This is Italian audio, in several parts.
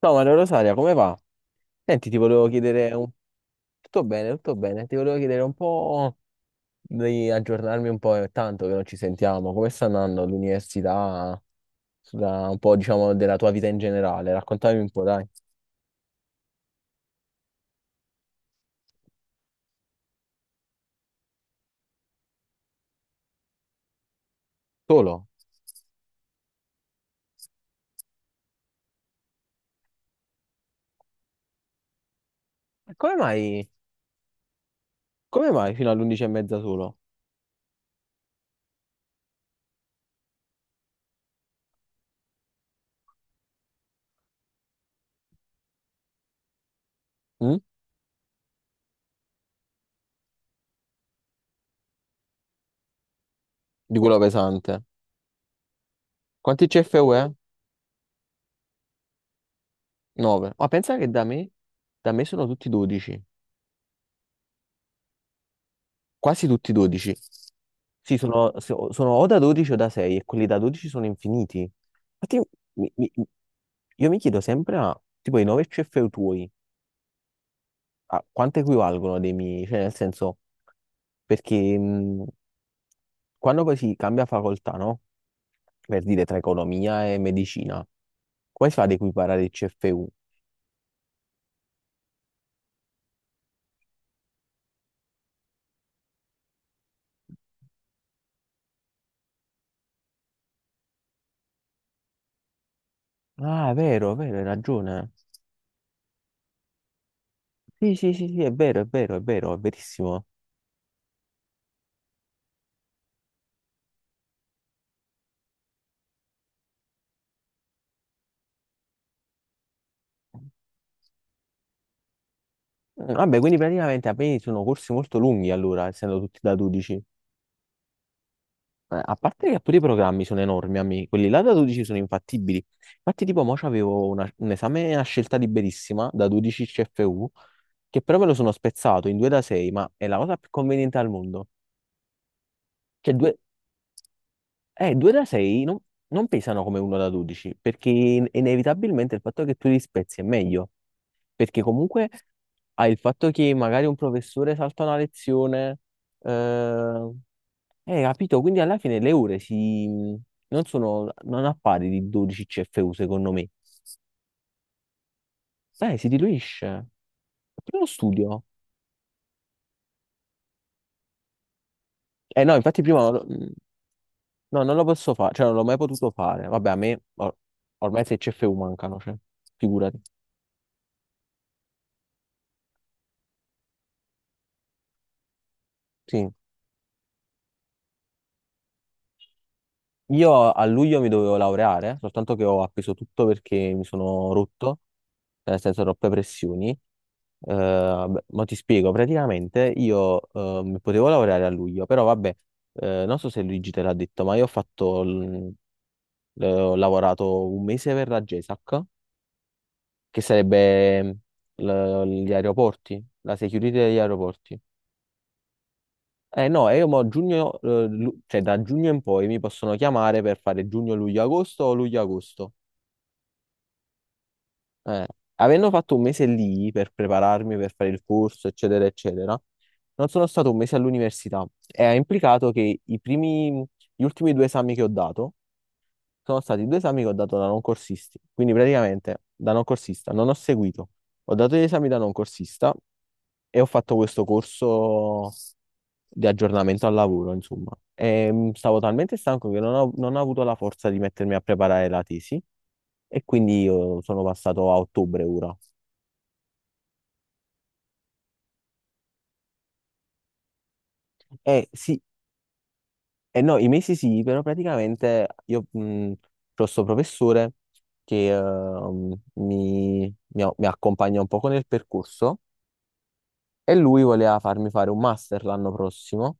Ciao Maria Rosaria, come va? Senti, ti volevo chiedere. Tutto bene, tutto bene. Ti volevo chiedere un po' di aggiornarmi un po', è tanto che non ci sentiamo. Come sta andando l'università? Un po', diciamo, della tua vita in generale. Raccontami un po', dai. Solo? E come mai? Come mai fino all'undici e mezza solo? Mm? Di quello pesante. Quanti CFU è? 9. Ma pensa che da me sono tutti 12. Quasi tutti 12. Sì, sono o da 12 o da 6 e quelli da 12 sono infiniti. Infatti, mi- mi- io mi chiedo sempre, ma tipo i 9 CFU tuoi, a quanto equivalgono dei miei? Cioè, nel senso, perché quando poi si cambia facoltà, no? Per dire tra economia e medicina, come si fa ad equiparare il CFU? Ah, è vero, hai ragione. Sì, sì, sì, sì, è vero, è vero, è vero, è verissimo. Vabbè, quindi praticamente a me sono corsi molto lunghi allora, essendo tutti da 12. A parte che pure i programmi sono enormi, amici. Quelli là da 12 sono infattibili. Infatti, tipo, mo c'avevo un esame a scelta liberissima da 12 CFU, che però me lo sono spezzato in due da 6, ma è la cosa più conveniente al mondo. Cioè, due da 6 non pesano come uno da 12, perché inevitabilmente il fatto che tu li spezzi è meglio. Perché comunque hai il fatto che magari un professore salta una lezione, eh, Eh, capito? Quindi alla fine le ore si... non sono... non appare di 12 CFU secondo me. Si diluisce. Prima lo studio. Eh no, infatti prima... non lo- mm, No, non lo posso fare, cioè non l'ho mai potuto fare. Vabbè, a me ormai 6 CFU mancano, cioè, figurati. Sì. Io a luglio mi dovevo laureare, soltanto che ho appeso tutto perché mi sono rotto, cioè nel senso troppe pressioni. Vabbè, ma ti spiego, praticamente io potevo lavorare a luglio, però vabbè, non so se Luigi te l'ha detto, ma io ho fatto, ho lavorato un mese per la GESAC, che sarebbe gli aeroporti, la security degli aeroporti. Eh no, e io mo giugno, cioè da giugno in poi mi possono chiamare per fare giugno, luglio, agosto o luglio, agosto. Eh, Avendo fatto un mese lì per prepararmi, per fare il corso, eccetera, eccetera, non sono stato un mese all'università e ha implicato che i primi, gli ultimi due esami che ho dato sono stati due esami che ho dato da non corsisti. Quindi praticamente da non corsista non ho seguito, ho dato gli esami da non corsista e ho fatto questo corso di aggiornamento al lavoro, insomma. E, stavo talmente stanco che non ho avuto la forza di mettermi a preparare la tesi e quindi io sono passato a ottobre ora. Eh sì, no, i mesi sì, però praticamente io ho questo professore che mi accompagna un poco nel percorso e lui voleva farmi fare un master l'anno prossimo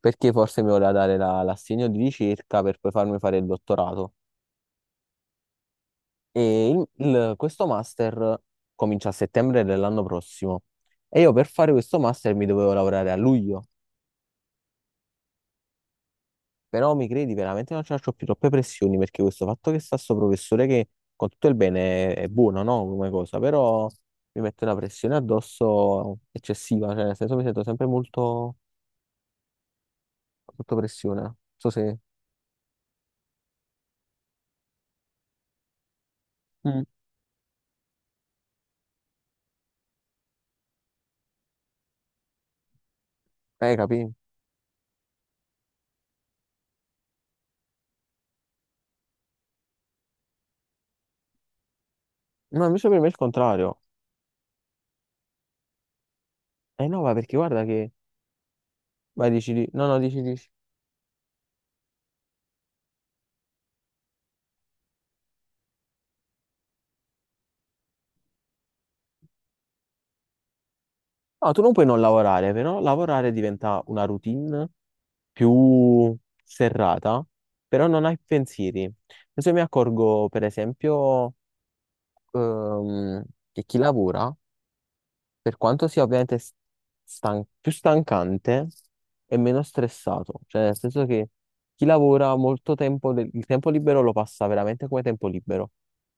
perché forse mi voleva dare l'assegno di ricerca per poi farmi fare il dottorato. E questo master comincia a settembre dell'anno prossimo e io per fare questo master mi dovevo lavorare a luglio. Però mi credi, veramente non ci faccio più troppe pressioni perché questo fatto che sta sto professore che con tutto il bene è buono, no? Come cosa, però mi mette una pressione addosso eccessiva, cioè nel senso mi sento sempre molto sotto pressione. Non so se... Mm. Capì? No, invece per me è il contrario. Eh no, ma perché vai, dici, no, no, dici, dici. No, tu non puoi non lavorare, però lavorare diventa una routine più serrata, però non hai pensieri. Adesso mi accorgo, per esempio, ehm, che chi lavora, per quanto sia ovviamente più stancante, è meno stressato. Cioè, nel senso che chi lavora molto tempo, il tempo libero lo passa veramente come tempo libero.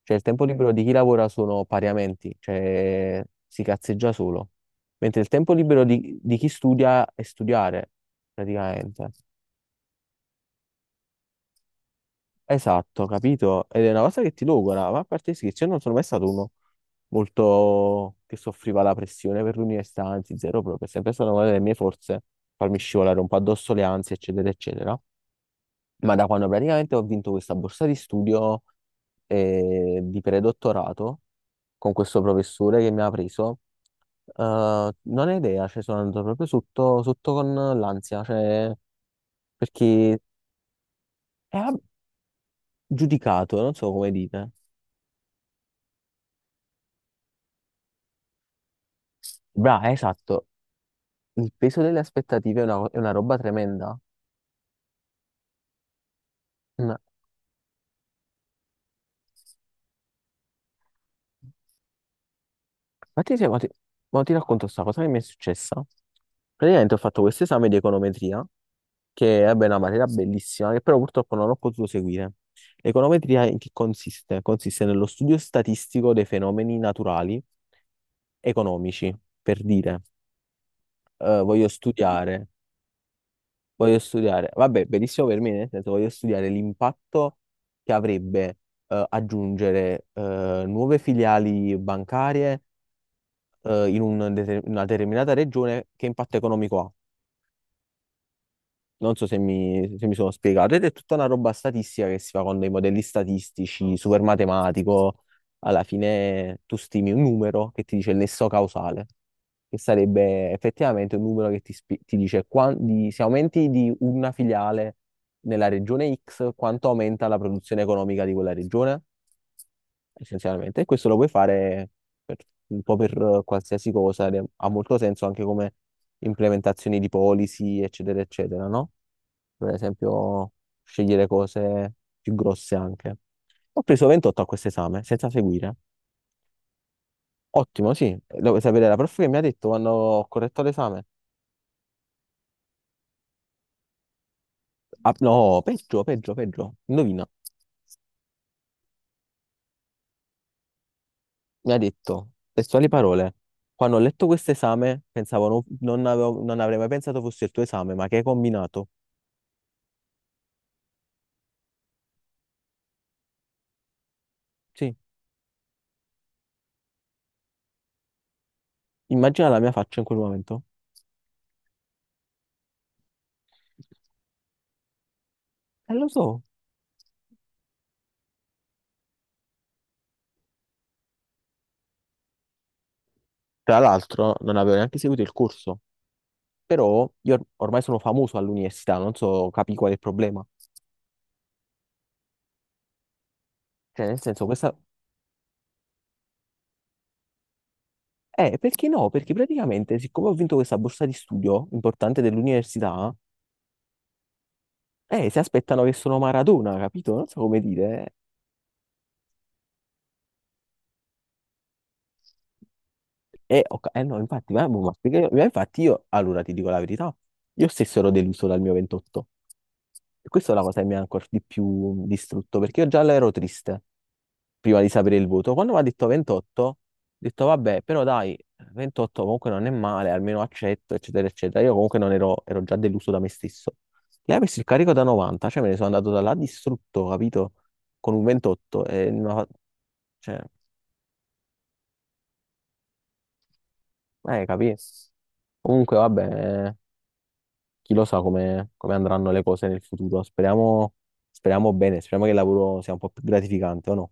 Cioè, il tempo libero di chi lavora sono pariamenti, cioè si cazzeggia solo. Mentre il tempo libero di chi studia è studiare, praticamente. Esatto, capito? Ed è una cosa che ti logora, ma a parte sì, che io non sono mai stato uno molto che soffriva la pressione per l'università, anzi zero proprio, è sempre stata una delle mie forze farmi scivolare un po' addosso le ansie, eccetera, eccetera. Ma da quando praticamente ho vinto questa borsa di studio di predottorato con questo professore che mi ha preso, non ho idea, cioè sono andato proprio sotto, sotto con l'ansia, cioè perché era giudicato, non so come dite. Bra, esatto, il peso delle aspettative è una roba tremenda. Mm. Infatti, ma ti racconto sta cosa che mi è successa. Praticamente ho fatto questo esame di econometria, che è vabbè, una materia bellissima, che però purtroppo non ho potuto seguire. L'econometria in che consiste? Consiste nello studio statistico dei fenomeni naturali economici, per dire, eh, voglio Mm. studiare Voglio studiare, vabbè, benissimo per me, nel senso voglio studiare l'impatto che avrebbe aggiungere nuove filiali bancarie in un una determinata regione, che impatto economico ha. Non so se mi sono spiegato, ed è tutta una roba statistica che si fa con dei modelli statistici, super matematico. Alla fine tu stimi un numero che ti dice il nesso causale, che sarebbe effettivamente un numero che ti dice se aumenti di una filiale nella regione X, quanto aumenta la produzione economica di quella regione, essenzialmente. E questo lo puoi fare per- un po' per qualsiasi cosa, ed ha molto senso anche come implementazioni di policy, eccetera, eccetera, no? Per esempio, scegliere cose più grosse anche. Ho preso 28 a questo esame, senza seguire. Ottimo, sì. Lo vuoi sapere, la prof che mi ha detto quando ho corretto l'esame. Ah, no, peggio, peggio, peggio. Indovina. Mi ha detto, testuali parole, quando ho letto questo esame, pensavo, non avrei mai pensato fosse il tuo esame, ma che hai combinato? Sì. Immagina la mia faccia in quel momento. E lo so. Tra l'altro, non avevo neanche seguito il corso. Però io ormai sono famoso all'università, non so, capi qual è il problema. Cioè, nel senso, questa... perché no? Perché praticamente, siccome ho vinto questa borsa di studio importante dell'università, si aspettano che sono Maradona, capito? Non so come dire. No, infatti, ma infatti io, allora ti dico la verità, io stesso ero deluso dal mio 28. E questa è la cosa che mi ha ancora di più distrutto, perché io già ero triste prima di sapere il voto. Quando mi ha detto 28, ho detto vabbè, però dai, 28 comunque non è male, almeno accetto, eccetera, eccetera. Io comunque non ero, ero già deluso da me stesso. Lei ha messo il carico da 90, cioè me ne sono andato da là distrutto, capito? Con un 28, e non ha... cioè, capì? Comunque, vabbè, chi lo sa come andranno le cose nel futuro. Speriamo, speriamo bene, speriamo che il lavoro sia un po' più gratificante, o no?